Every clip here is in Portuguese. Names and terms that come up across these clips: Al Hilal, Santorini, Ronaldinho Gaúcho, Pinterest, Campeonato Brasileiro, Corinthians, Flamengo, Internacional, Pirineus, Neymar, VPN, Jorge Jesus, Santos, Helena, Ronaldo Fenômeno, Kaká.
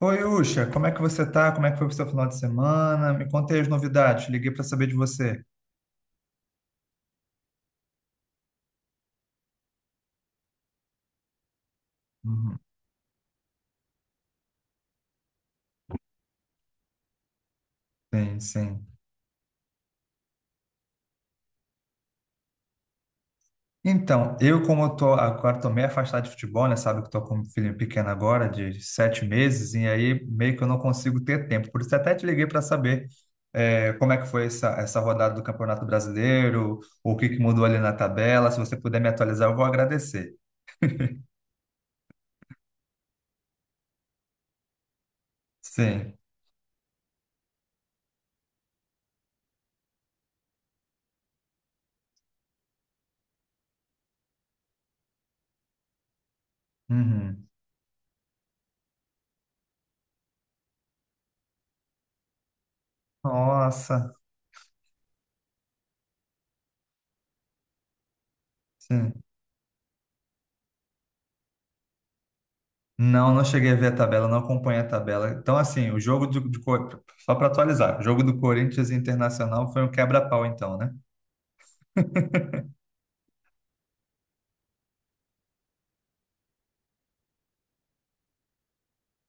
Oi, Uxa, como é que você tá? Como é que foi o seu final de semana? Me conte aí as novidades, liguei para saber de você. Uhum. Sim, sim. Então, eu como eu tô agora tô meio afastado de futebol, né? Sabe que eu tô com um filho pequeno agora, de 7 meses, e aí meio que eu não consigo ter tempo. Por isso até te liguei para saber como é que foi essa rodada do Campeonato Brasileiro, o que que mudou ali na tabela. Se você puder me atualizar, eu vou agradecer. Sim. Uhum. Nossa, sim. Não, não cheguei a ver a tabela, não acompanhei a tabela. Então, assim, o jogo só para atualizar, o jogo do Corinthians e Internacional foi um quebra-pau, então, né?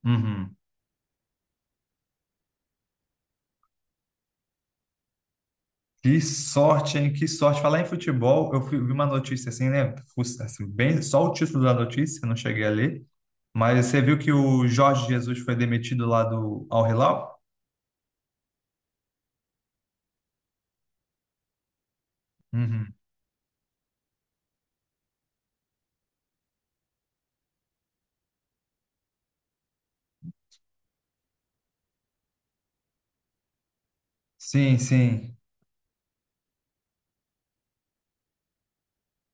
Uhum. Que sorte, hein? Que sorte. Falar em futebol, vi uma notícia assim, né? Assim, bem, só o título da notícia, não cheguei a ler. Mas você viu que o Jorge Jesus foi demitido lá do Al Hilal? Uhum. Sim, sim.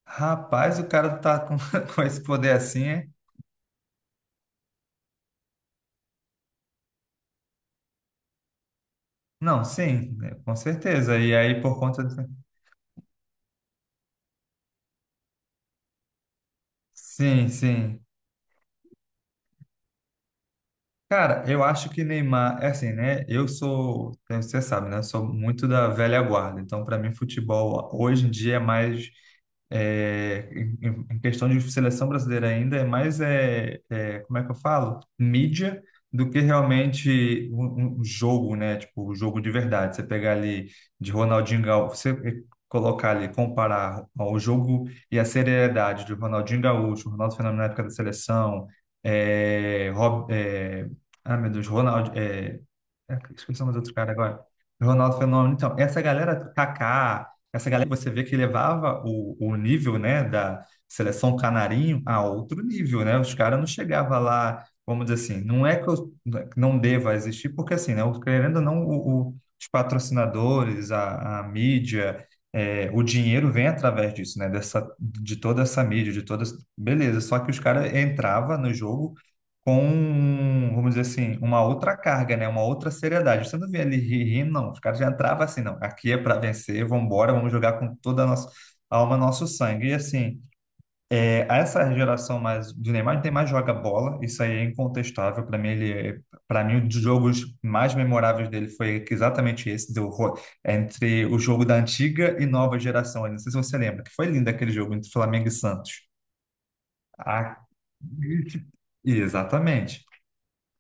Rapaz, o cara tá com, com esse poder assim, é? Não, sim, né, com certeza. E aí, por conta do... Sim, sim. Cara, eu acho que Neymar, é assim, né? Eu sou, né, você sabe, né? Sou muito da velha guarda. Então, para mim, futebol hoje em dia é mais, em questão de seleção brasileira ainda, é mais, como é que eu falo? Mídia do que realmente um, um jogo, né? Tipo, o jogo de verdade. Você pegar ali de Ronaldinho Gaúcho, você colocar ali, comparar o jogo e a seriedade de Ronaldinho Gaúcho, Ronaldo Fenômeno na época da seleção, ah, meu Deus, Ronaldo. Esqueci o nome do outro cara agora. Ronaldo Fenômeno. Então, essa galera, Kaká, essa galera que você vê que levava o nível, né, da seleção canarinho a outro nível, né? Os caras não chegavam lá, vamos dizer assim, não é que eu não deva existir, porque assim, né, querendo ou não, os patrocinadores, a mídia, o dinheiro vem através disso, né? Dessa, de toda essa mídia, de todas. Beleza, só que os caras entravam no jogo com, um, vamos dizer assim, uma outra carga, né? Uma outra seriedade. Você não vê rindo, não. Os caras já entravam assim, não. Aqui é para vencer, vamos embora, vamos jogar com toda a nossa alma, nosso sangue. E assim, essa geração mais do Neymar, o Neymar joga bola, isso aí é incontestável. Para mim, um dos jogos mais memoráveis dele foi exatamente esse, entre o jogo da antiga e nova geração. Eu não sei se você lembra, que foi lindo aquele jogo entre Flamengo e Santos. Ah, exatamente.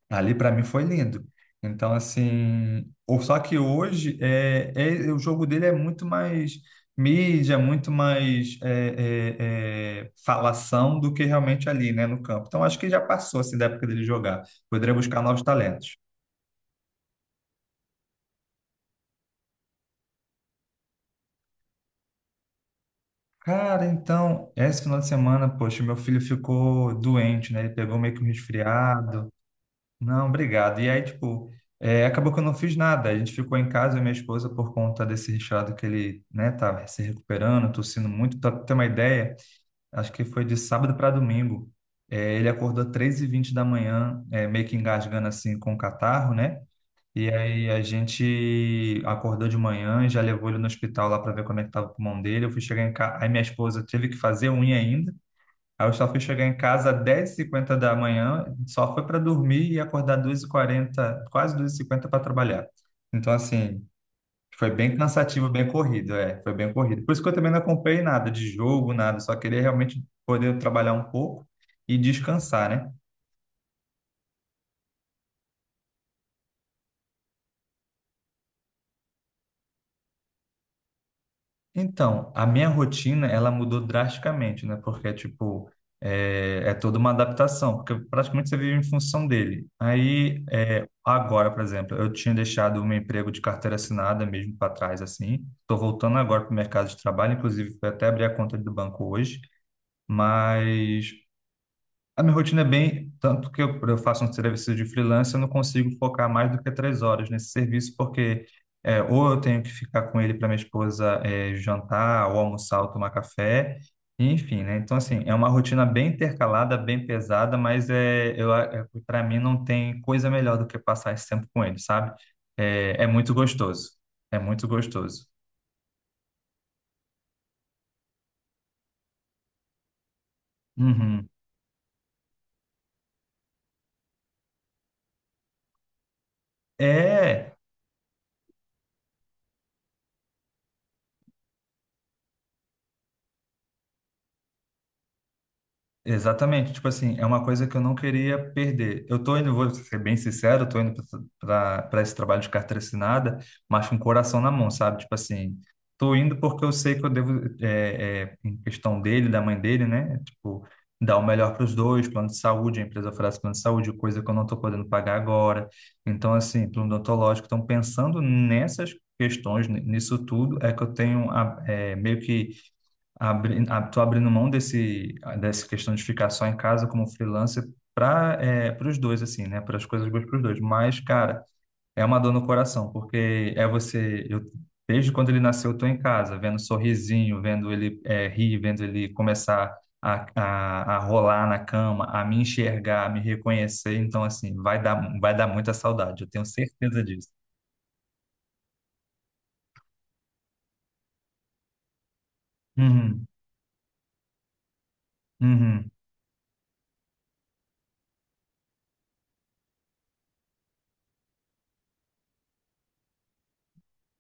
Ali para mim foi lindo. Então, assim, ou só que hoje o jogo dele é muito mais mídia, muito mais falação do que realmente ali, né, no campo. Então, acho que já passou assim da época dele jogar. Poderia buscar novos talentos. Cara, então, esse final de semana, poxa, meu filho ficou doente, né? Ele pegou meio que um resfriado. Não, obrigado. E aí, tipo, acabou que eu não fiz nada. A gente ficou em casa, eu e minha esposa, por conta desse resfriado que ele, né, tá se recuperando, tossindo muito. Pra ter uma ideia, acho que foi de sábado para domingo. É, ele acordou 3:20 da manhã, meio que engasgando assim com o catarro, né? E aí a gente acordou de manhã, já levou ele no hospital lá para ver como é que tava o pulmão dele. Eu fui chegar em casa, aí minha esposa teve que fazer unha. Aí eu só fui chegar em casa às 10h50 da manhã, só foi para dormir e acordar 2:40, quase 2:50 para trabalhar. Então, assim, foi bem cansativo, bem corrido, é, foi bem corrido. Por isso que eu também não acompanhei nada de jogo, nada, só queria realmente poder trabalhar um pouco e descansar, né? Então, a minha rotina, ela mudou drasticamente, né? Porque, tipo, é toda uma adaptação, porque praticamente você vive em função dele. Aí, é, agora, por exemplo, eu tinha deixado o meu emprego de carteira assinada mesmo para trás, assim. Estou voltando agora para o mercado de trabalho, inclusive, fui até abrir a conta do banco hoje. Mas a minha rotina é bem, tanto que eu faço um serviço de freelance, eu não consigo focar mais do que 3 horas nesse serviço, porque ou eu tenho que ficar com ele para minha esposa jantar, ou almoçar, ou tomar café, enfim, né? Então, assim, é uma rotina bem intercalada, bem pesada, mas para mim não tem coisa melhor do que passar esse tempo com ele, sabe? É, é muito gostoso, é muito gostoso. Uhum. É, exatamente, tipo assim, é uma coisa que eu não queria perder. Eu tô indo, vou ser bem sincero, eu tô indo para esse trabalho de carteira assinada, mas com o coração na mão, sabe? Tipo assim, tô indo porque eu sei que eu devo, em questão dele, da mãe dele, né? Tipo, dar o melhor para os dois, plano de saúde, a empresa oferece plano de saúde, coisa que eu não tô podendo pagar agora. Então, assim, plano odontológico, então pensando nessas nisso tudo, é que eu tenho meio que tô abrindo mão desse dessa questão de ficar só em casa como freelancer para para os dois assim, né? Para as coisas boas para os dois. Mas, cara, é uma dor no coração porque é você eu desde quando ele nasceu eu tô em casa vendo sorrisinho, vendo ele rir, vendo ele começar a rolar na cama, a me enxergar, a me reconhecer, então assim, vai dar muita saudade, eu tenho certeza disso. Uhum, uhum,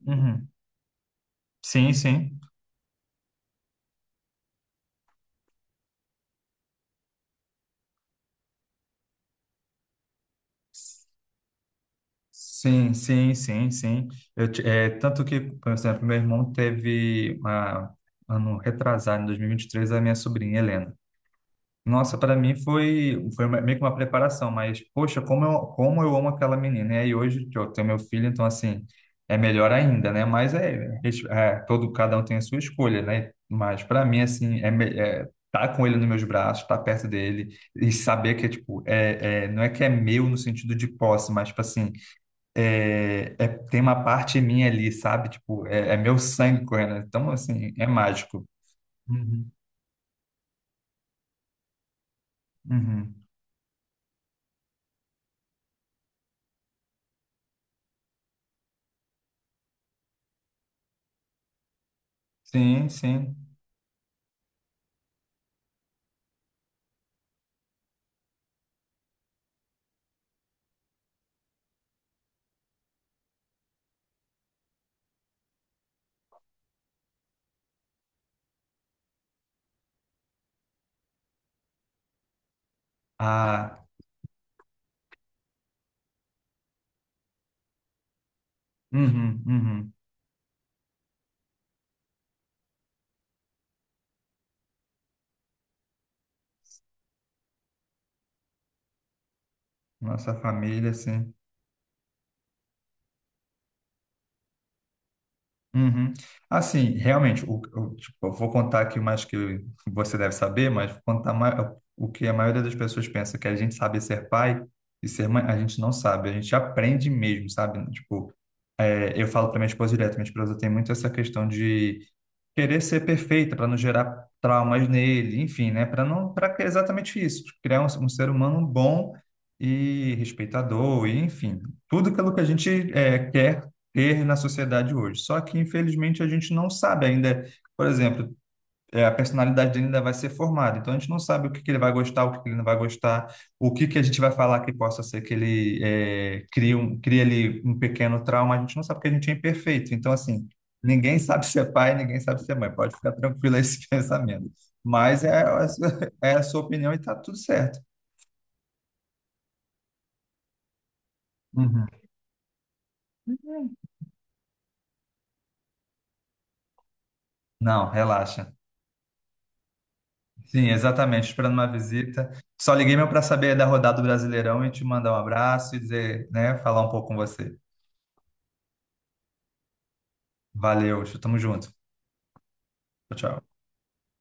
uhum. Sim, sim. Sim, sim, sim, sim. Tanto que, por exemplo, meu irmão teve uma, ano retrasado, em dois mil e vinte e três a minha sobrinha Helena. Nossa, para mim foi uma- meio que uma preparação, mas, poxa, como eu amo aquela menina. E aí hoje que eu tenho meu filho, então, assim, é melhor ainda, né? Mas todo, cada um tem a sua escolha, né? Mas para mim, assim, tá com ele nos meus braços, estar perto dele e saber que, tipo, não é que é meu no sentido de posse, mas, tipo assim, tem uma parte minha ali, sabe? Tipo, é, é meu sangue correndo. Então, assim, é mágico. Uhum, uhum. Sim, sim. Ah, uhum, uhum. Nossa família, sim. Uhum. Assim, realmente, tipo, eu vou contar aqui mais que eu- você deve saber, mas vou contar ma- o que a maioria das pessoas pensa, que a gente sabe ser pai e ser mãe, a gente não sabe, a gente aprende mesmo, sabe? Tipo, é, eu falo para minha esposa direto, minha esposa tem muito essa questão de querer ser perfeita para não gerar traumas nele, enfim, né? Para não, para exatamente isso, criar um ser humano bom e respeitador, e enfim, tudo aquilo que a gente quer ter na sociedade hoje. Só que infelizmente a gente não sabe ainda, por exemplo, é, a personalidade dele ainda vai ser formada. Então a gente não sabe o que que ele vai gostar, o que que ele não vai gostar, o que que a gente vai falar que possa ser que ele crie um, crie ali um pequeno trauma. A gente não sabe porque a gente é imperfeito. Então, assim, ninguém sabe ser pai, ninguém sabe ser mãe. Pode ficar tranquilo esse pensamento. Mas é, é a sua opinião e tá tudo certo. Uhum. Não, relaxa. Sim, exatamente. Esperando uma visita. Só liguei meu para saber da rodada do Brasileirão e te mandar um abraço e dizer, né, falar um pouco com você. Valeu, tamo junto. Tchau, tchau.